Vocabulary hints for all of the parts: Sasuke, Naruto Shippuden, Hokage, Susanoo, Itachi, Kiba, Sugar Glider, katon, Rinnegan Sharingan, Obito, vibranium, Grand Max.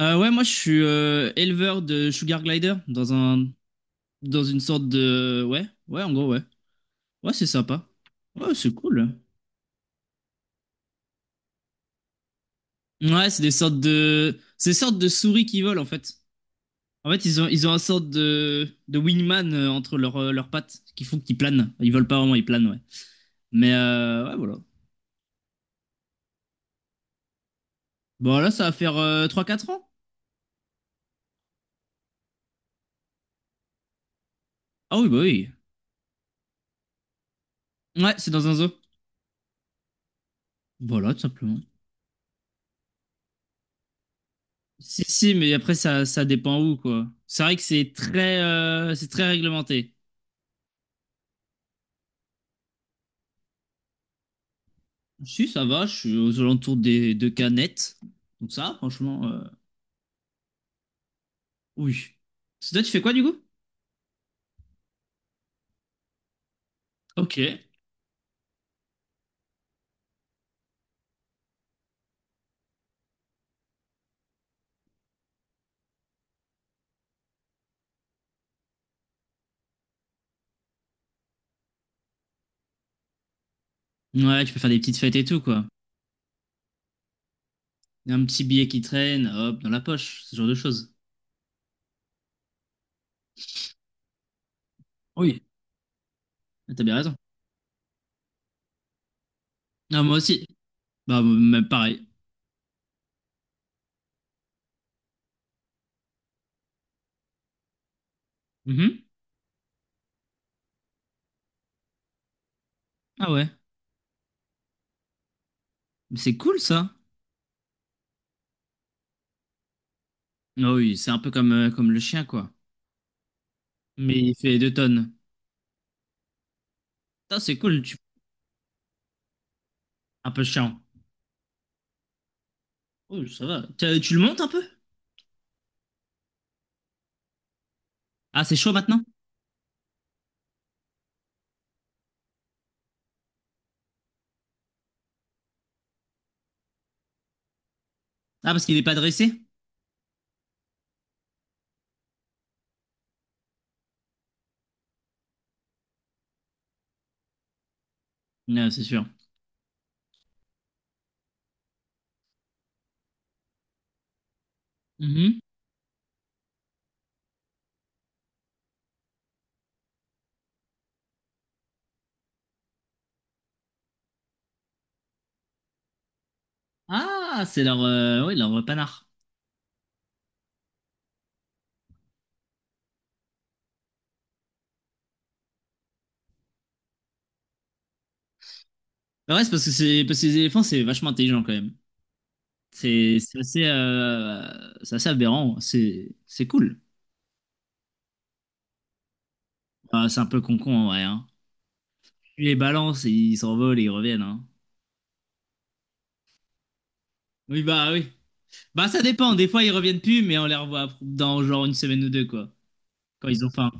Ouais, moi je suis éleveur de Sugar Glider dans un dans une sorte de ouais, ouais, en gros ouais. Ouais, c'est sympa. Ouais, c'est cool. Ouais, c'est des sortes de souris qui volent en fait. En fait, ils ont un sorte de wingman entre leurs leurs pattes qui font qu'ils planent. Ils volent pas vraiment, ils planent, ouais. Mais ouais, voilà. Bon, là ça va faire 3-4 ans. Ah oui, bah oui. Ouais, c'est dans un zoo. Voilà, tout simplement. Si, si, mais après, ça dépend où, quoi. C'est vrai que c'est très réglementé. Si, ça va, je suis aux alentours des deux canettes. Donc ça, franchement, oui. Parce que toi, tu fais quoi, du coup? Ok. Ouais, tu peux faire des petites fêtes et tout, quoi. Un petit billet qui traîne, hop, dans la poche, ce genre de choses. Oui. T'as bien raison. Ah moi aussi. Bah, même pareil. Mhm. Ah ouais. Mais c'est cool, ça. Ah oui, c'est un peu comme, comme le chien, quoi. Mais il fait 2 tonnes. Ça, c'est cool, tu... un peu chiant. Oh, ça va. T'as- Tu le montes un peu? Ah, c'est chaud maintenant? Ah, parce qu'il n'est pas dressé? Non, c'est sûr. Mhm. Ah, c'est leur, ouais, leur panard. Bah ouais, c'est parce que les éléphants, c'est vachement intelligent quand même. C'est assez, c'est assez aberrant. C'est cool. Bah, c'est un peu con-con en vrai, hein. Tu les balances, et ils s'envolent et ils reviennent, hein. Oui. Bah ça dépend. Des fois, ils reviennent plus, mais on les revoit dans genre une semaine ou deux, quoi. Quand ils ont faim.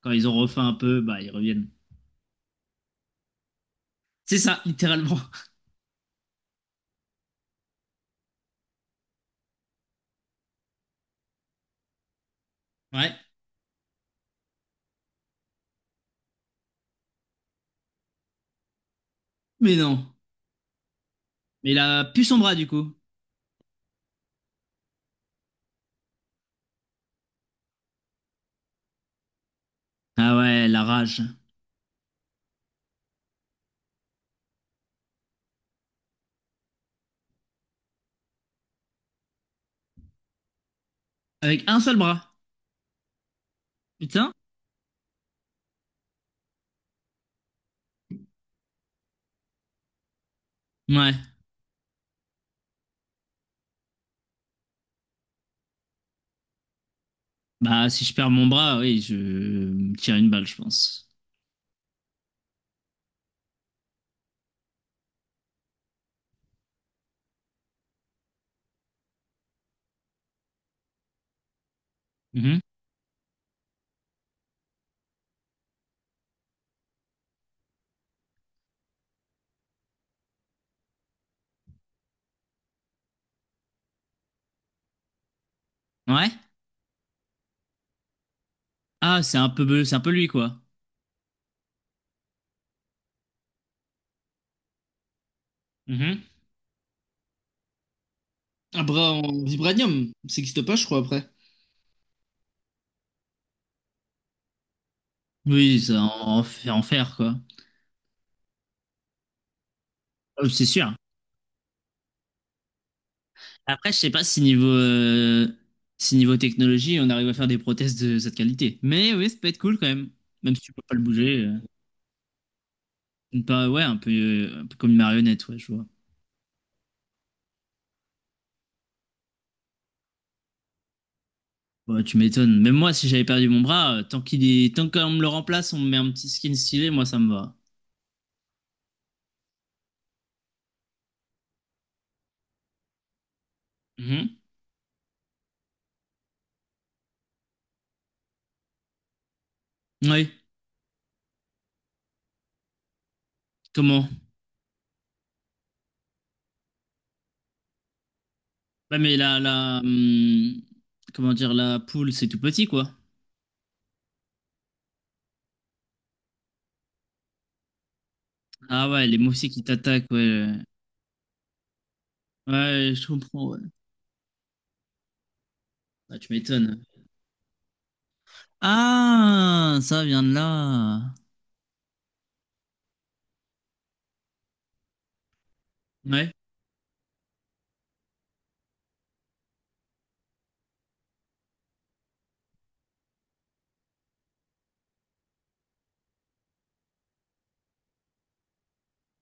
Quand ils ont refaim un peu, bah ils reviennent. C'est ça, littéralement. Ouais. Mais non. Mais il a plus son bras du coup. Ah ouais, la rage. Avec un seul bras. Putain. Ouais. Bah si je perds mon bras, oui, je me tire une balle, je pense. Mhm. Ouais. Ah, c'est un peu lui quoi. Mhm. Un bras en vibranium, ça n'existe pas, je crois, après. Oui, ça en, en fait- en faire quoi. C'est sûr. Après, je sais pas si niveau, si niveau technologie, on arrive à faire des prothèses de cette qualité. Mais oui, ça peut être cool quand même. Même si tu peux pas le bouger. Une pa- ouais, un peu comme une marionnette, ouais, je vois. Ouais, tu m'étonnes. Même moi, si j'avais perdu mon bras, tant qu'il est... tant qu'on me le remplace, on me met un petit skin stylé, moi, ça me va. Mhm. Oui, comment? Bah, mais la, comment dire, la poule, c'est tout petit, quoi. Ah ouais, les mousses qui t'attaquent, ouais. Ouais, je comprends, ouais. Bah, tu m'étonnes. Ah, ça vient de là. Ouais.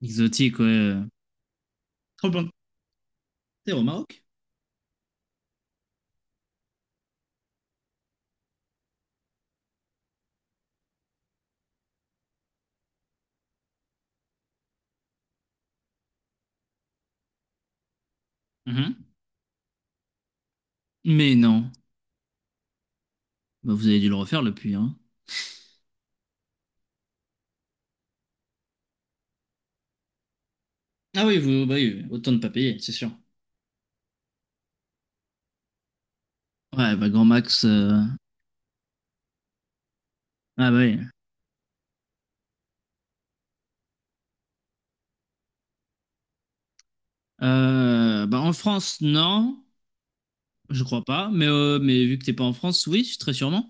Exotique, ouais. Trop bien. T'es au Maroc? Mhm. Mais non. Bah, vous avez dû le refaire, depuis hein. Ah oui, vous, bah oui, autant ne pas payer, c'est sûr. Ouais, bah, Grand Max. Ah bah oui. Bah en France, non, je crois pas. Mais vu que t'es pas en France, oui, très sûrement.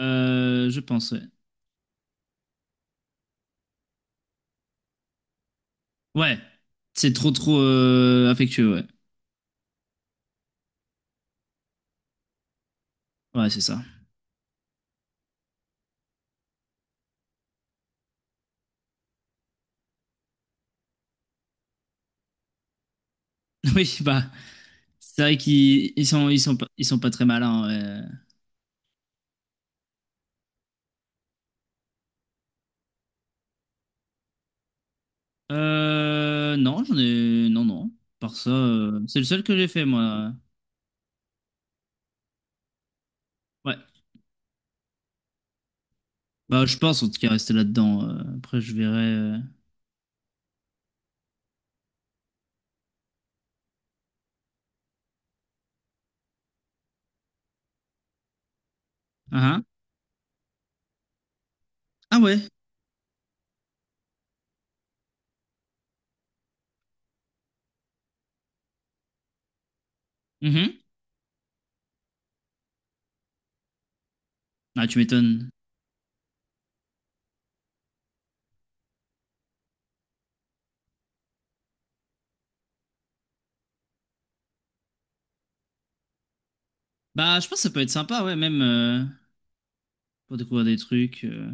Je pense, ouais. Ouais, c'est trop trop affectueux, ouais. Ouais, c'est ça. Oui, bah, c'est vrai qu'ils ils sont pas très malins, ouais. Non, j'en ai... Non, non. Par ça, c'est le seul que j'ai fait, moi. Ouais. Bah, je pense, en tout cas, rester là-dedans. Après, je verrai... Ah, ah. Ah ouais. Mhm. Ah, tu m'étonnes. Bah, je pense que ça peut être sympa, ouais, même pour découvrir des trucs.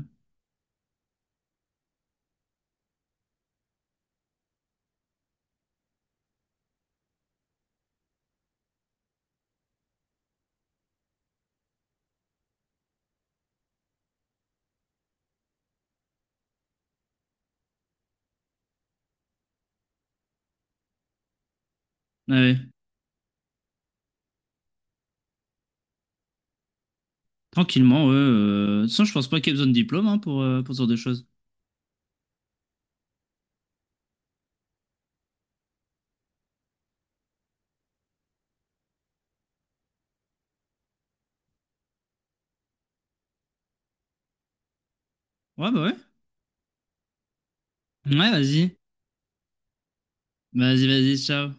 Ouais, tranquillement, ouais. De toute façon, je pense pas qu'il y ait besoin de diplôme hein, pour ce genre de choses. Ouais, bah ouais. Ouais, vas-y. Vas-y, vas-y, ciao.